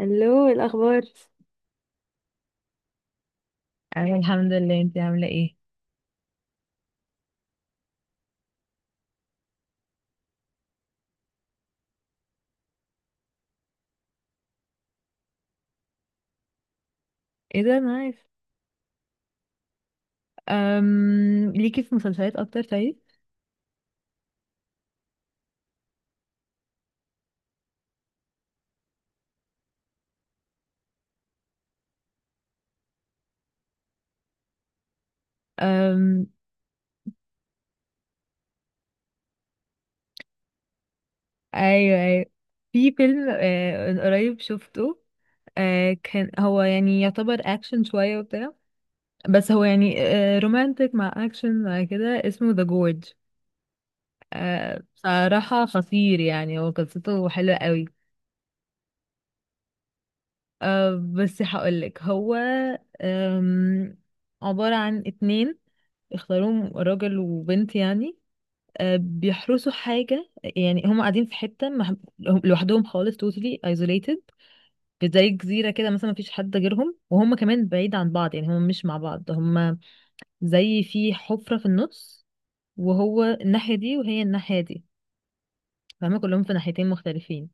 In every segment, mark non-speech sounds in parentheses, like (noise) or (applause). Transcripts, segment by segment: الو، إيه الاخبار؟ أنا الحمد لله، انتي عاملة ايه؟ ايه ده، نايس. ليكي في مسلسلات اكتر؟ طيب. أم... ايوه، ايوه. في فيلم من قريب شفته. كان هو يعني يعتبر اكشن شوية وبتاع. بس هو يعني رومانتك مع اكشن مع كده، اسمه ذا جورج. بصراحة خطير، يعني هو قصته حلوة قوي. بس هقولك هو أم... عبارة عن اتنين، اختاروهم راجل وبنت يعني. بيحرسوا حاجة. يعني هم قاعدين في حتة هم لوحدهم خالص، totally isolated. في زي جزيرة كده مثلا، مفيش حد غيرهم، وهم كمان بعيد عن بعض، يعني هم مش مع بعض، هم زي في حفرة في النص، وهو الناحية دي وهي الناحية دي. فهم كلهم في ناحيتين مختلفين،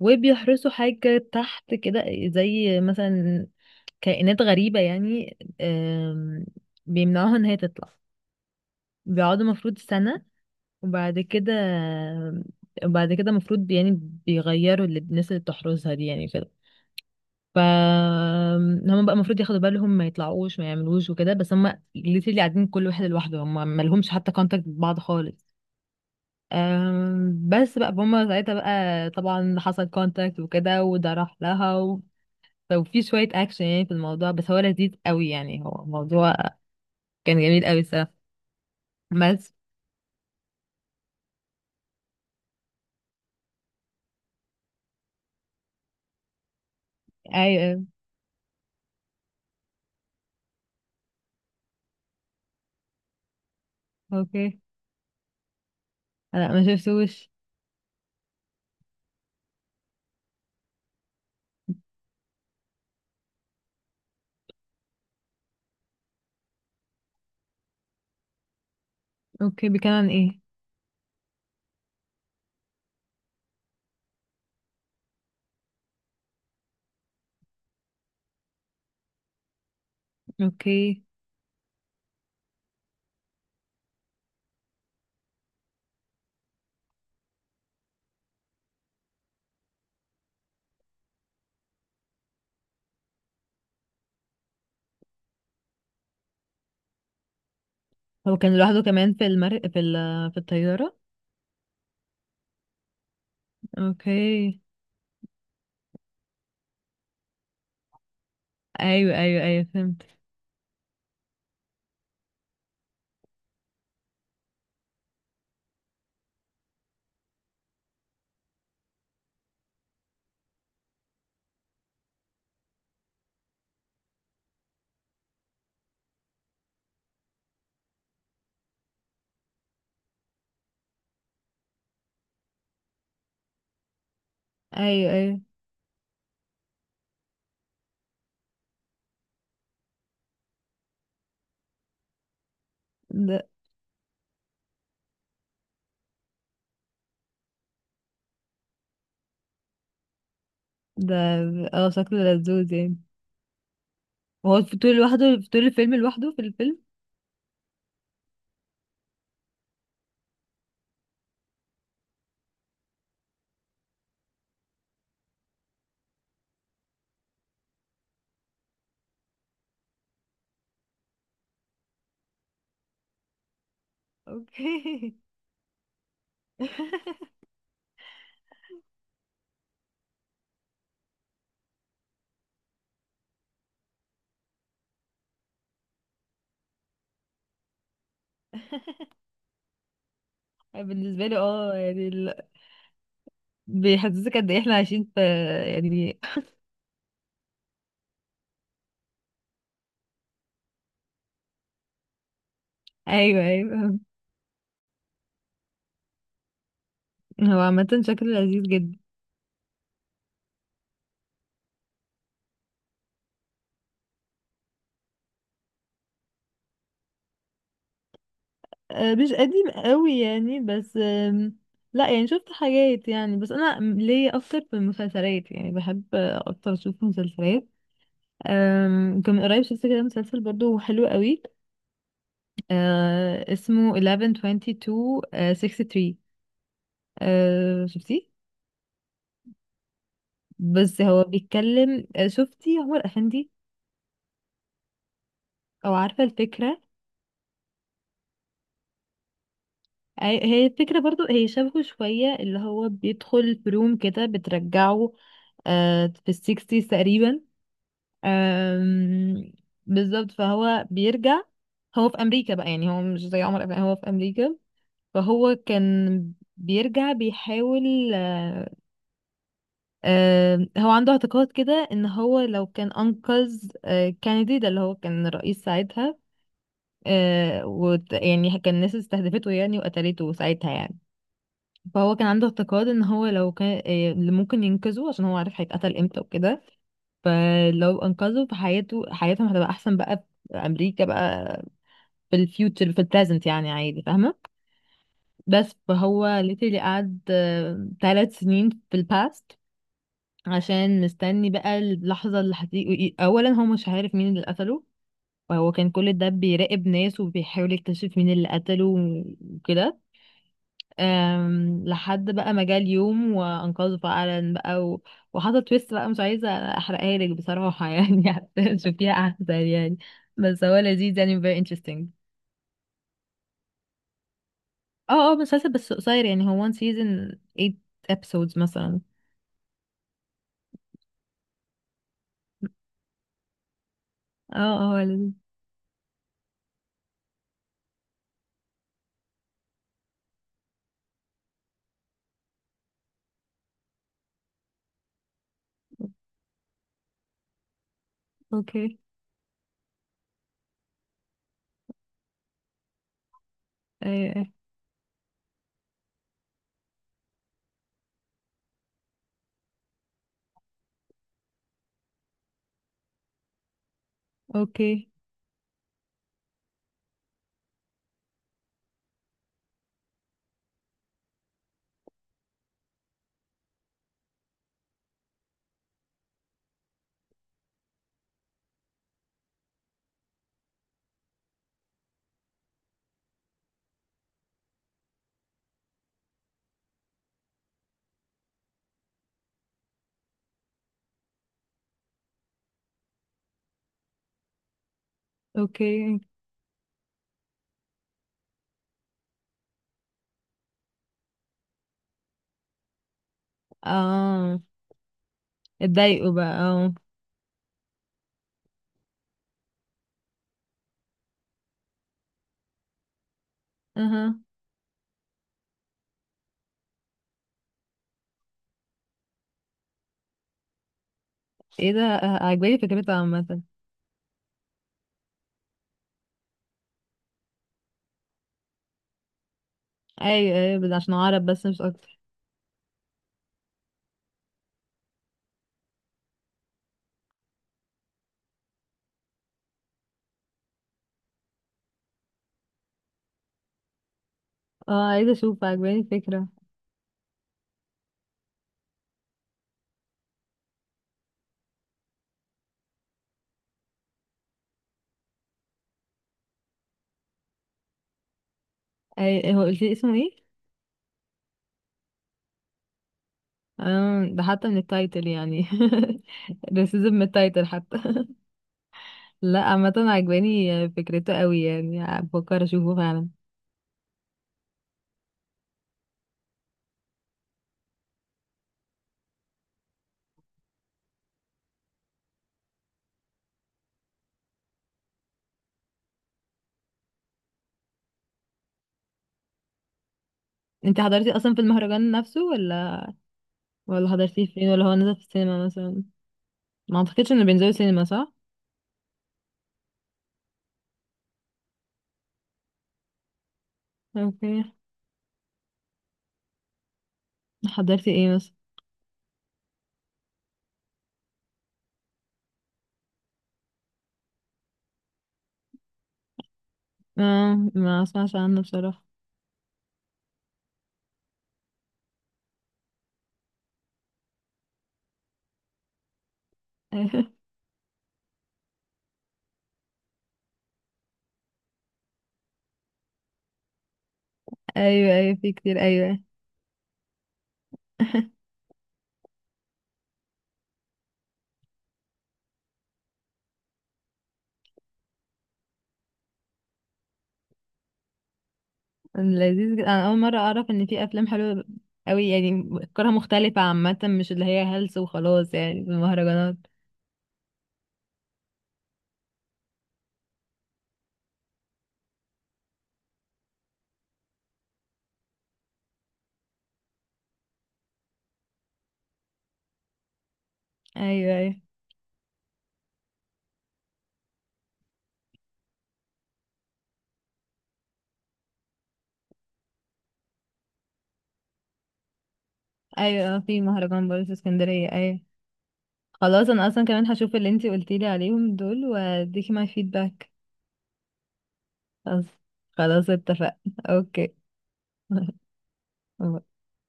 وبيحرسوا حاجة تحت كده، زي مثلا كائنات غريبة يعني، بيمنعوها ان هي تطلع. بيقعدوا مفروض سنة وبعد كده، وبعد كده المفروض يعني بيغيروا اللي الناس اللي بتحرسها دي يعني كده. ف هم بقى المفروض ياخدوا بالهم، ما يطلعوش ما يعملوش وكده. بس هم اللي قاعدين كل واحد لوحده، هم ما لهمش حتى كونتاكت ببعض خالص. بس بقى هم ساعتها بقى طبعا حصل كونتاكت وكده، وده راح لها و... وفي شوية اكشن يعني في الموضوع، بس هو لذيذ قوي يعني. هو الموضوع كان جميل قوي الصراحة. بس ايوه. اوكي. لا، ما شفتوش. اوكي، بيتكلم عن ايه؟ اوكي. هو كان لوحده كمان في المر... في ال... في الطيارة. اوكي. ايوه، ايوه، ايوه، فهمت. ايوه، ايوه. ده ده اه شكله لذوذ يعني. وهو في طول لوحده، في طول الفيلم لوحده في الفيلم؟ اوكي. (laughs) بالنسبة لي اه، يعني ال... بيحسسك قد ايه احنا عايشين في. يعني. ايوه، ايوه. هو عامة شكله لذيذ جدا. مش قديم قوي يعني، بس لا يعني شفت حاجات يعني، بس انا ليا اكتر في المسلسلات، يعني بحب اكتر اشوف مسلسلات. كان من قريب شفت كده مسلسل برضو حلو قوي اسمه 1122 63. شفتيه؟ بس هو بيتكلم شفتي عمر افندي؟ او عارفه الفكره. هي هي الفكره برضو، هي شبهه شويه. اللي هو بيدخل في روم كده بترجعه في السيكستيز تقريبا. أم، بالظبط، فهو بيرجع. هو في امريكا بقى يعني، هو مش زي عمر، أبقى هو في امريكا. فهو كان بيرجع بيحاول هو عنده اعتقاد كده ان هو لو كان انقذ كينيدي، ده اللي هو كان رئيس ساعتها. يعني كان الناس استهدفته يعني وقتلته ساعتها يعني. فهو كان عنده اعتقاد ان هو لو كان، إيه اللي ممكن ينقذه، عشان هو عارف هيتقتل امتى وكده. فلو انقذه فحياته حياتهم هتبقى احسن بقى في امريكا، بقى في الفيوتشر في البريزنت يعني عادي، فاهمه. بس فهو ليتلي قعد ثلاث سنين في الباست، عشان مستني بقى اللحظه اللي هتيجي. اولا هو مش عارف مين اللي قتله، فهو كان كل ده بيراقب ناس وبيحاول يكتشف مين اللي قتله وكده. لحد بقى ما جه اليوم وانقذه فعلا بقى، و... وحصل تويست بقى، مش عايزه احرقها لك بصراحه يعني (laughs) عشان تشوفيها احسن يعني. بس هو لذيذ يعني، very interesting. اه اه، مسلسل بس قصير يعني، هو one season 8 episodes مثلا. اه اه، هو لذيذ. اوكي. ايوه، أيوة. اوكي. اوكي. اه. اتضايقوا بقى، اه. اها. ايه ده، عجباني فكرتها عامة. ايوه، ايوه، بس عشان عرب بس مش اكتر. اه، عايزة اشوف، عجباني الفكرة. اي، هو قلت لي اسمه ايه؟ آه، ده حتى من التايتل يعني. (laughs) ريسيزم من التايتل حتى. (laughs) لا، عامة عجباني فكرته قوي يعني، بفكر اشوفه فعلا. انت حضرتي اصلا في المهرجان نفسه، ولا حضرتيه فين، ولا هو نزل في السينما مثلا؟ ما اعتقدش انه بينزل سينما، صح؟ اوكي. حضرتي ايه مثلا؟ آه، ما اسمعش عنه بصراحة. (laughs) ايوه، ايوه، في كتير، ايوه. لذيذ جدا، انا اول مرة اعرف ان في افلام حلوة قوي يعني، افكارها مختلفة عامة، مش اللي هي هلس وخلاص يعني في المهرجانات. ايوه، ايوه، ايوه. في مهرجان برضه في اسكندريه، ايوه. خلاص، انا اصلا كمان هشوف اللي انتي قلتيلي عليهم دول، واديكي ماي فيدباك. خلاص. خلاص اتفقنا. اوكي. (laughs)